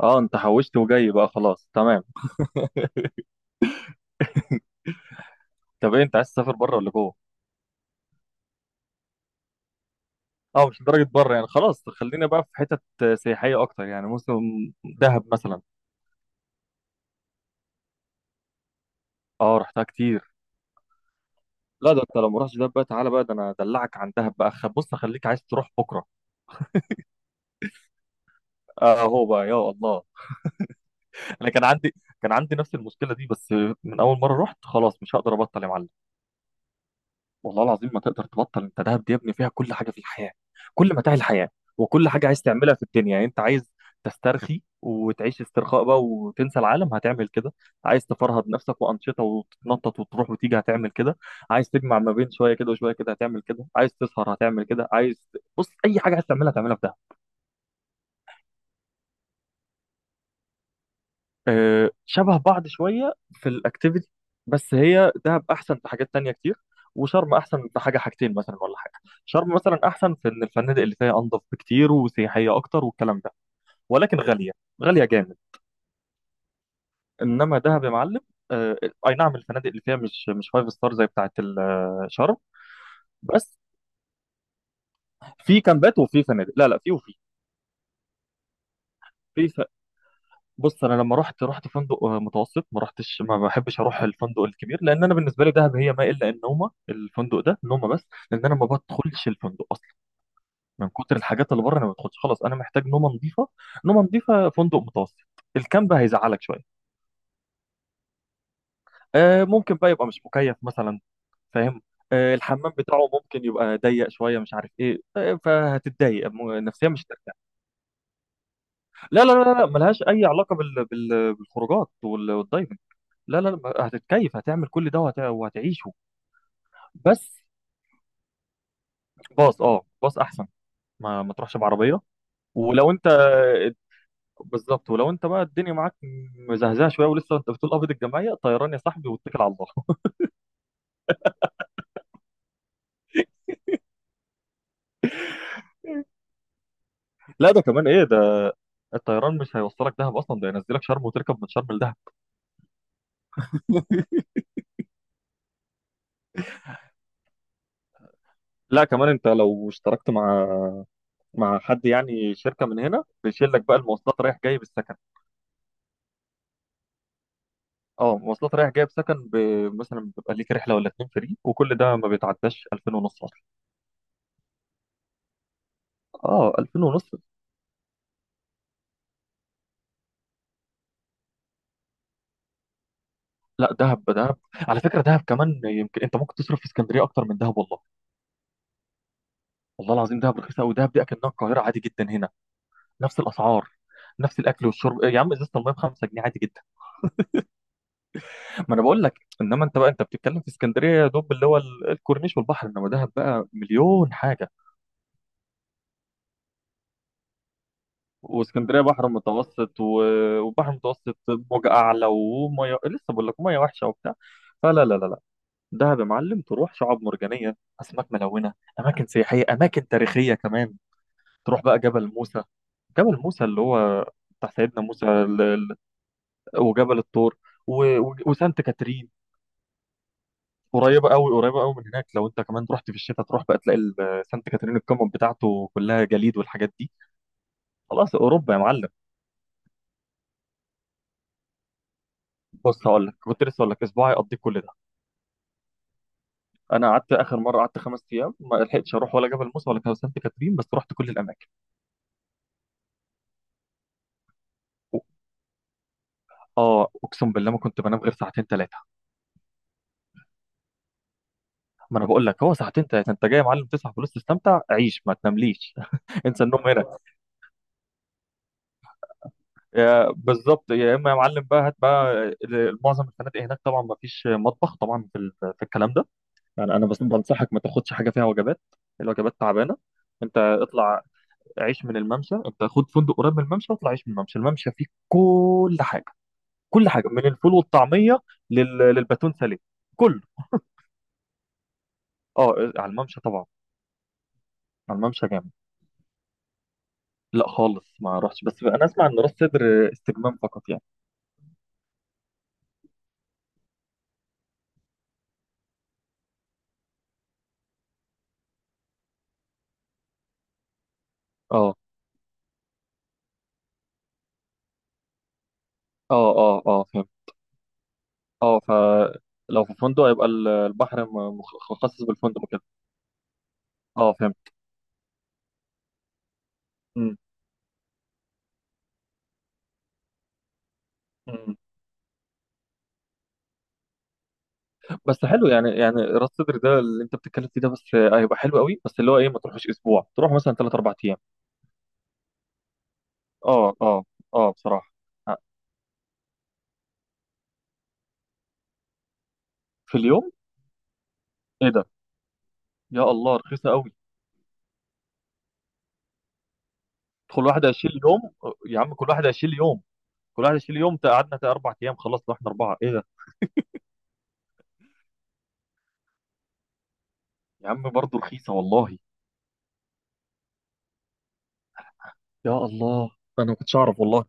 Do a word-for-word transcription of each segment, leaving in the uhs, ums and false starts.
اه انت حوشت وجاي بقى، خلاص، تمام. طب ايه، انت عايز تسافر بره ولا جوه؟ اه، مش لدرجه بره يعني، خلاص خلينا بقى في حتت سياحيه اكتر يعني، موسم. دهب مثلا. اه رحتها كتير. لا ده انت لو ما رحتش دهب بقى تعالى بقى، ده انا ادلعك عن دهب بقى، خ- بص اخليك عايز تروح بكره. اه هو بقى، يا الله. انا كان عندي كان عندي نفس المشكله دي، بس من اول مره رحت خلاص مش هقدر ابطل يا معلم. والله العظيم ما تقدر تبطل، انت دهب دي يا ابني فيها كل حاجه في الحياه، كل متاع الحياه. وكل حاجه عايز تعملها في الدنيا، يعني انت عايز تسترخي وتعيش استرخاء بقى وتنسى العالم، هتعمل كده. عايز تفرهد نفسك وانشطه وتتنطط وتروح وتيجي، هتعمل كده. عايز تجمع ما بين شويه كده وشويه كده، هتعمل كده. عايز تسهر، هتعمل كده. عايز، بص، اي حاجه عايز تعملها هتعملها في دهب. آه، شبه بعض شوية في الأكتيفيتي، بس هي دهب أحسن في حاجات تانية كتير. وشرم أحسن في حاجة حاجتين مثلا، ولا حاجة. شرم مثلا أحسن في إن الفنادق اللي فيها أنظف بكتير وسياحية أكتر والكلام ده، ولكن غالية. غالية جامد. إنما دهب يا معلم. آه، أي نعم، الفنادق اللي فيها مش مش فايف ستار زي بتاعة ال- آه، شرم بس في كامبات وفي فنادق. لا لا، في وفي في بص انا لما رحت رحت فندق آه، متوسط. ما رحتش، ما بحبش اروح الفندق الكبير لان انا بالنسبه لي دهب هي ما الا النومه، الفندق ده نومه بس لان انا ما بدخلش الفندق اصلا. من كتر الحاجات اللي بره انا ما بدخلش خلاص، انا محتاج نومه نظيفه. نومه نظيفه، فندق متوسط. الكامب هيزعلك شويه. آه ممكن بقى يبقى مش مكيف مثلا، فاهم؟ آه الحمام بتاعه ممكن يبقى ضيق شويه، مش عارف ايه، آه فهتتضايق م- نفسيا، مش هترتاح. لا لا لا لا، ملهاش اي علاقه بال... بال... بالخروجات وال- والدايفنج. لا لا لا، هتتكيف، هتعمل كل ده وهت- وهتعيشه. بس باص، اه، باص احسن. ما ما تروحش بعربيه. ولو انت، بالظبط، ولو انت بقى الدنيا معاك مزهزاه شويه ولسه انت بتقول قبض الجمعيه، طيران يا صاحبي، واتكل على الله. لا ده كمان ايه ده، الطيران مش هيوصلك دهب اصلا، ده ينزلك شرم وتركب من شرم لدهب. لا كمان انت لو اشتركت مع، مع حد يعني شركه من هنا، بيشيل لك بقى المواصلات رايح جاي بالسكن. اه، مواصلات رايح جاي بسكن ب... مثلا بيبقى ليك رحله ولا اتنين فري، وكل ده ما بيتعداش 2000 ونص. اه، 2000 ونص. لا، دهب دهب. على فكره دهب كمان يمكن انت ممكن تصرف في اسكندريه اكتر من دهب، والله. والله العظيم دهب رخيصه قوي، دهب دي اكنها القاهره، عادي جدا هنا، نفس الاسعار، نفس الاكل والشرب يا عم. ازازه الميه ب خمسة جنيه، عادي جدا. ما انا بقول لك، انما انت بقى انت بتتكلم في اسكندريه يا دوب اللي هو ال- الكورنيش والبحر، انما دهب بقى مليون حاجه. واسكندريه بحر متوسط و- وبحر متوسط، موجه اعلى وميه، لسه بقول لك ميه وحشه وبتاع. فلا لا لا، دهب يا معلم، تروح شعاب مرجانية، أسماك ملونة، أماكن سياحية، أماكن تاريخية كمان. تروح بقى جبل موسى. جبل موسى اللي هو بتاع سيدنا موسى ال- ال- وجبل الطور و- و- وسانت كاترين. قريبة قوي قريبة قوي من هناك، لو أنت كمان رحت في الشتاء تروح بقى تلاقي ال- سانت كاترين، القمم بتاعته كلها جليد والحاجات دي. خلاص، أوروبا يا معلم. بص هقول لك، كنت لسه هقول لك أسبوع هيقضيك كل ده. أنا قعدت آخر مرة، قعدت خمس أيام ما لحقتش أروح ولا جبل موسى ولا سانت كاترين، بس رحت كل الأماكن. اه اقسم بالله ما كنت بنام غير ساعتين ثلاثه. ما انا بقول لك، هو ساعتين ثلاثه. انت جاي يا معلم تصحى، فلوس، تستمتع، عيش، ما تنامليش. انسى النوم هنا. يا- بالظبط، يا اما يا معلم بقى، هات بقى. ال- معظم الفنادق هناك طبعا ما فيش مطبخ طبعا في ال- في الكلام ده. يعني انا بس بنصحك ما تاخدش حاجه فيها وجبات، الوجبات تعبانه. انت اطلع عيش من الممشى. انت خد فندق قريب من الممشى واطلع عيش من الممشى، الممشى فيه كل حاجه. كل حاجه، من الفول والطعميه لل- للباتون ساليه، كله. اه، على الممشى طبعا. على الممشى جامد. لا خالص ما رحتش، بس انا اسمع ان راس سدر استجمام فقط يعني. اه اه اه اه، فهمت. اه، فلو في فندق يبقى ال- البحر م- مخ- مخصص بالفندق وكده. اه فهمت. مم. مم. بس حلو يعني يعني راس سدر ده اللي انت بتتكلم فيه ده، بس آه، هيبقى حلو قوي، بس اللي هو ايه، ما تروحوش اسبوع، تروح مثلا ثلاث اربع ايام. اه اه اه، بصراحه. آه، في اليوم؟ ايه ده، يا الله رخيصه قوي. كل واحد هيشيل يوم. يا عم كل واحد هيشيل يوم. كل واحد هيشيل يوم، قعدنا اربع ايام خلاص، لو احنا اربعه، ايه ده. يا عم برضه رخيصه والله. يا الله، انا ما كنتش اعرف والله.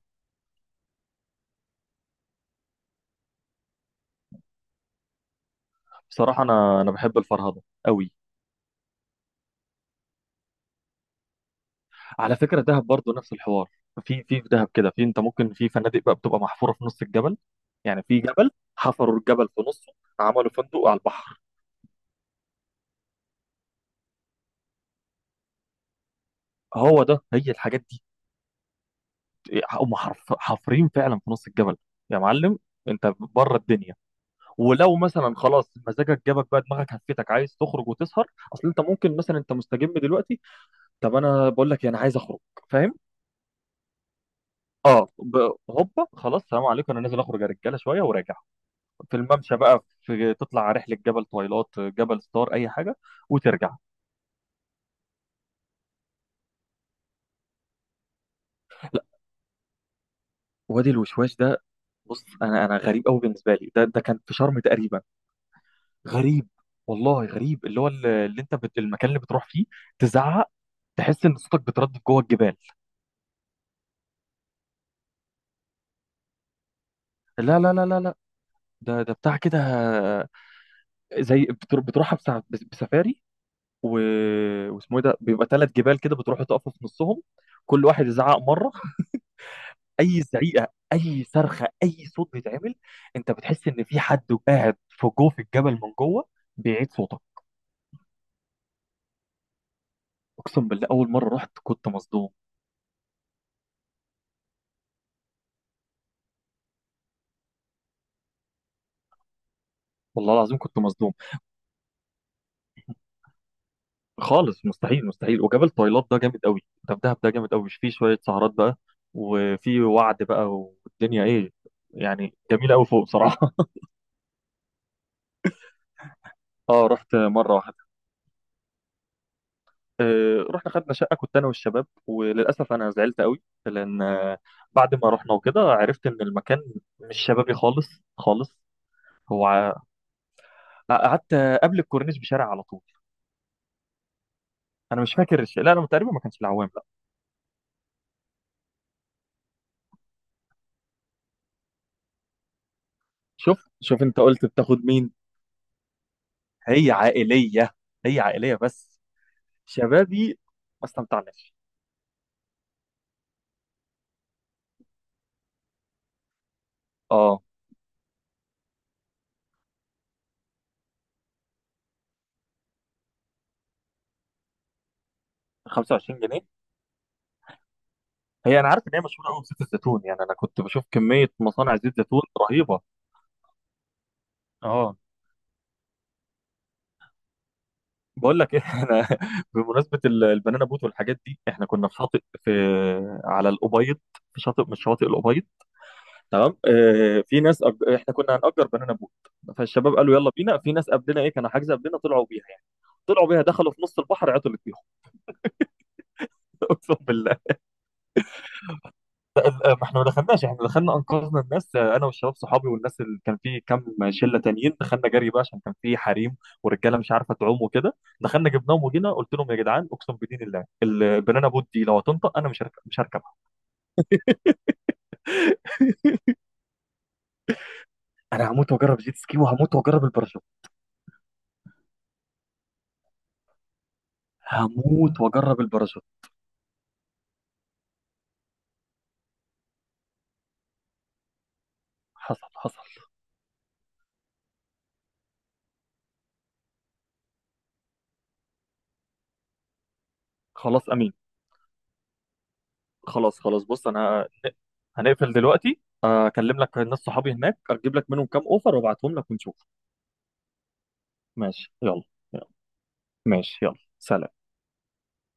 بصراحه انا انا بحب الفرهده قوي. على فكره دهب برضو نفس الحوار. في في في دهب كده، في، انت ممكن في فنادق بقى بتبقى محفوره في نص الجبل. يعني في جبل حفروا الجبل في نصه، عملوا فندق على البحر. هو ده هي الحاجات دي. هم حرف حافرين فعلا في نص الجبل يا معلم. انت بره الدنيا. ولو مثلا خلاص مزاجك جابك بقى، دماغك هفتك عايز تخرج وتسهر، اصل انت ممكن مثلا انت مستجم دلوقتي، طب انا بقول لك إيه، انا عايز اخرج، فاهم؟ اه ب- هوبا، خلاص، سلام عليكم، انا نازل اخرج يا رجاله شويه وراجع. في الممشى بقى، في، تطلع على رحله جبل طويلات، جبل ستار، اي حاجه، وترجع. لا. وادي الوشواش ده، بص انا انا غريب قوي بالنسبه لي ده ده كان في شرم تقريبا. غريب، والله غريب، اللي هو ال- اللي انت بت... المكان اللي بتروح فيه تزعق، تحس ان صوتك بتردد جوه الجبال. لا لا لا لا لا، ده ده بتاع كده، زي بتر- بتروحها بسع- بسفاري و... واسمه ايه ده، بيبقى ثلاث جبال كده، بتروحوا تقفوا في نصهم، كل واحد يزعق مره. اي زعيقه، اي صرخه، اي صوت بيتعمل انت بتحس ان في حد قاعد في جوه في الجبل من جوه بيعيد صوتك. اقسم بالله اول مره رحت كنت مصدوم. والله العظيم كنت مصدوم خالص. مستحيل مستحيل. وجبل طويلات ده جامد قوي، ده في دهب ده جامد قوي، فيه شويه سهرات بقى وفي وعد بقى، والدنيا ايه، يعني جميله قوي فوق صراحه. اه رحت مره واحده. آه، رحنا خدنا شقة كنت أنا والشباب، وللأسف أنا زعلت قوي لأن آه، بعد ما رحنا وكده عرفت إن المكان مش شبابي خالص، خالص. هو ع- قعدت قبل الكورنيش بشارع على طول. أنا مش فاكر الشيء، لا أنا تقريبا ما كانش العوام، لا. شوف شوف أنت قلت بتاخد مين؟ هي عائلية. هي عائلية بس، شبابي ما استمتعناش. أه، خمسة وعشرين جنيه. هي أنا عارف إن هي مشهورة قوي بزيت الزيتون، يعني أنا كنت بشوف كمية مصانع زيت زيتون رهيبة. أه بقول لك ايه، احنا بمناسبه ال- البنانا بوت والحاجات دي، احنا كنا في شاطئ، في، على الابيض، في شاطئ من شواطئ الابيض، تمام. اه في ناس أج... احنا كنا هنأجر بنانا بوت، فالشباب قالوا يلا بينا. في ناس قبلنا، ايه، كانوا حاجزه قبلنا طلعوا بيها يعني، طلعوا بيها دخلوا في نص البحر عطلت بيهم. اقسم بالله. لا، ما احنا ما دخلناش، احنا دخلنا انقذنا الناس، آه، انا والشباب صحابي والناس اللي كان في كام شله تانيين، دخلنا جري بقى عشان كان في حريم ورجاله مش عارفه تعوم وكده، دخلنا جبناهم وجينا قلت لهم يا جدعان، اقسم بدين الله البنانا بوت دي لو هتنطق انا مش هرك- مش هركبها. انا هموت واجرب جيت سكي، وهموت واجرب الباراشوت. هموت واجرب الباراشوت. حصل حصل. خلاص، امين. خلاص خلاص، بص انا هنقفل دلوقتي، اكلم لك الناس صحابي هناك، اجيب لك منهم كام اوفر وابعتهم لك ونشوف. ماشي يلا. يلا، ماشي، يلا سلام.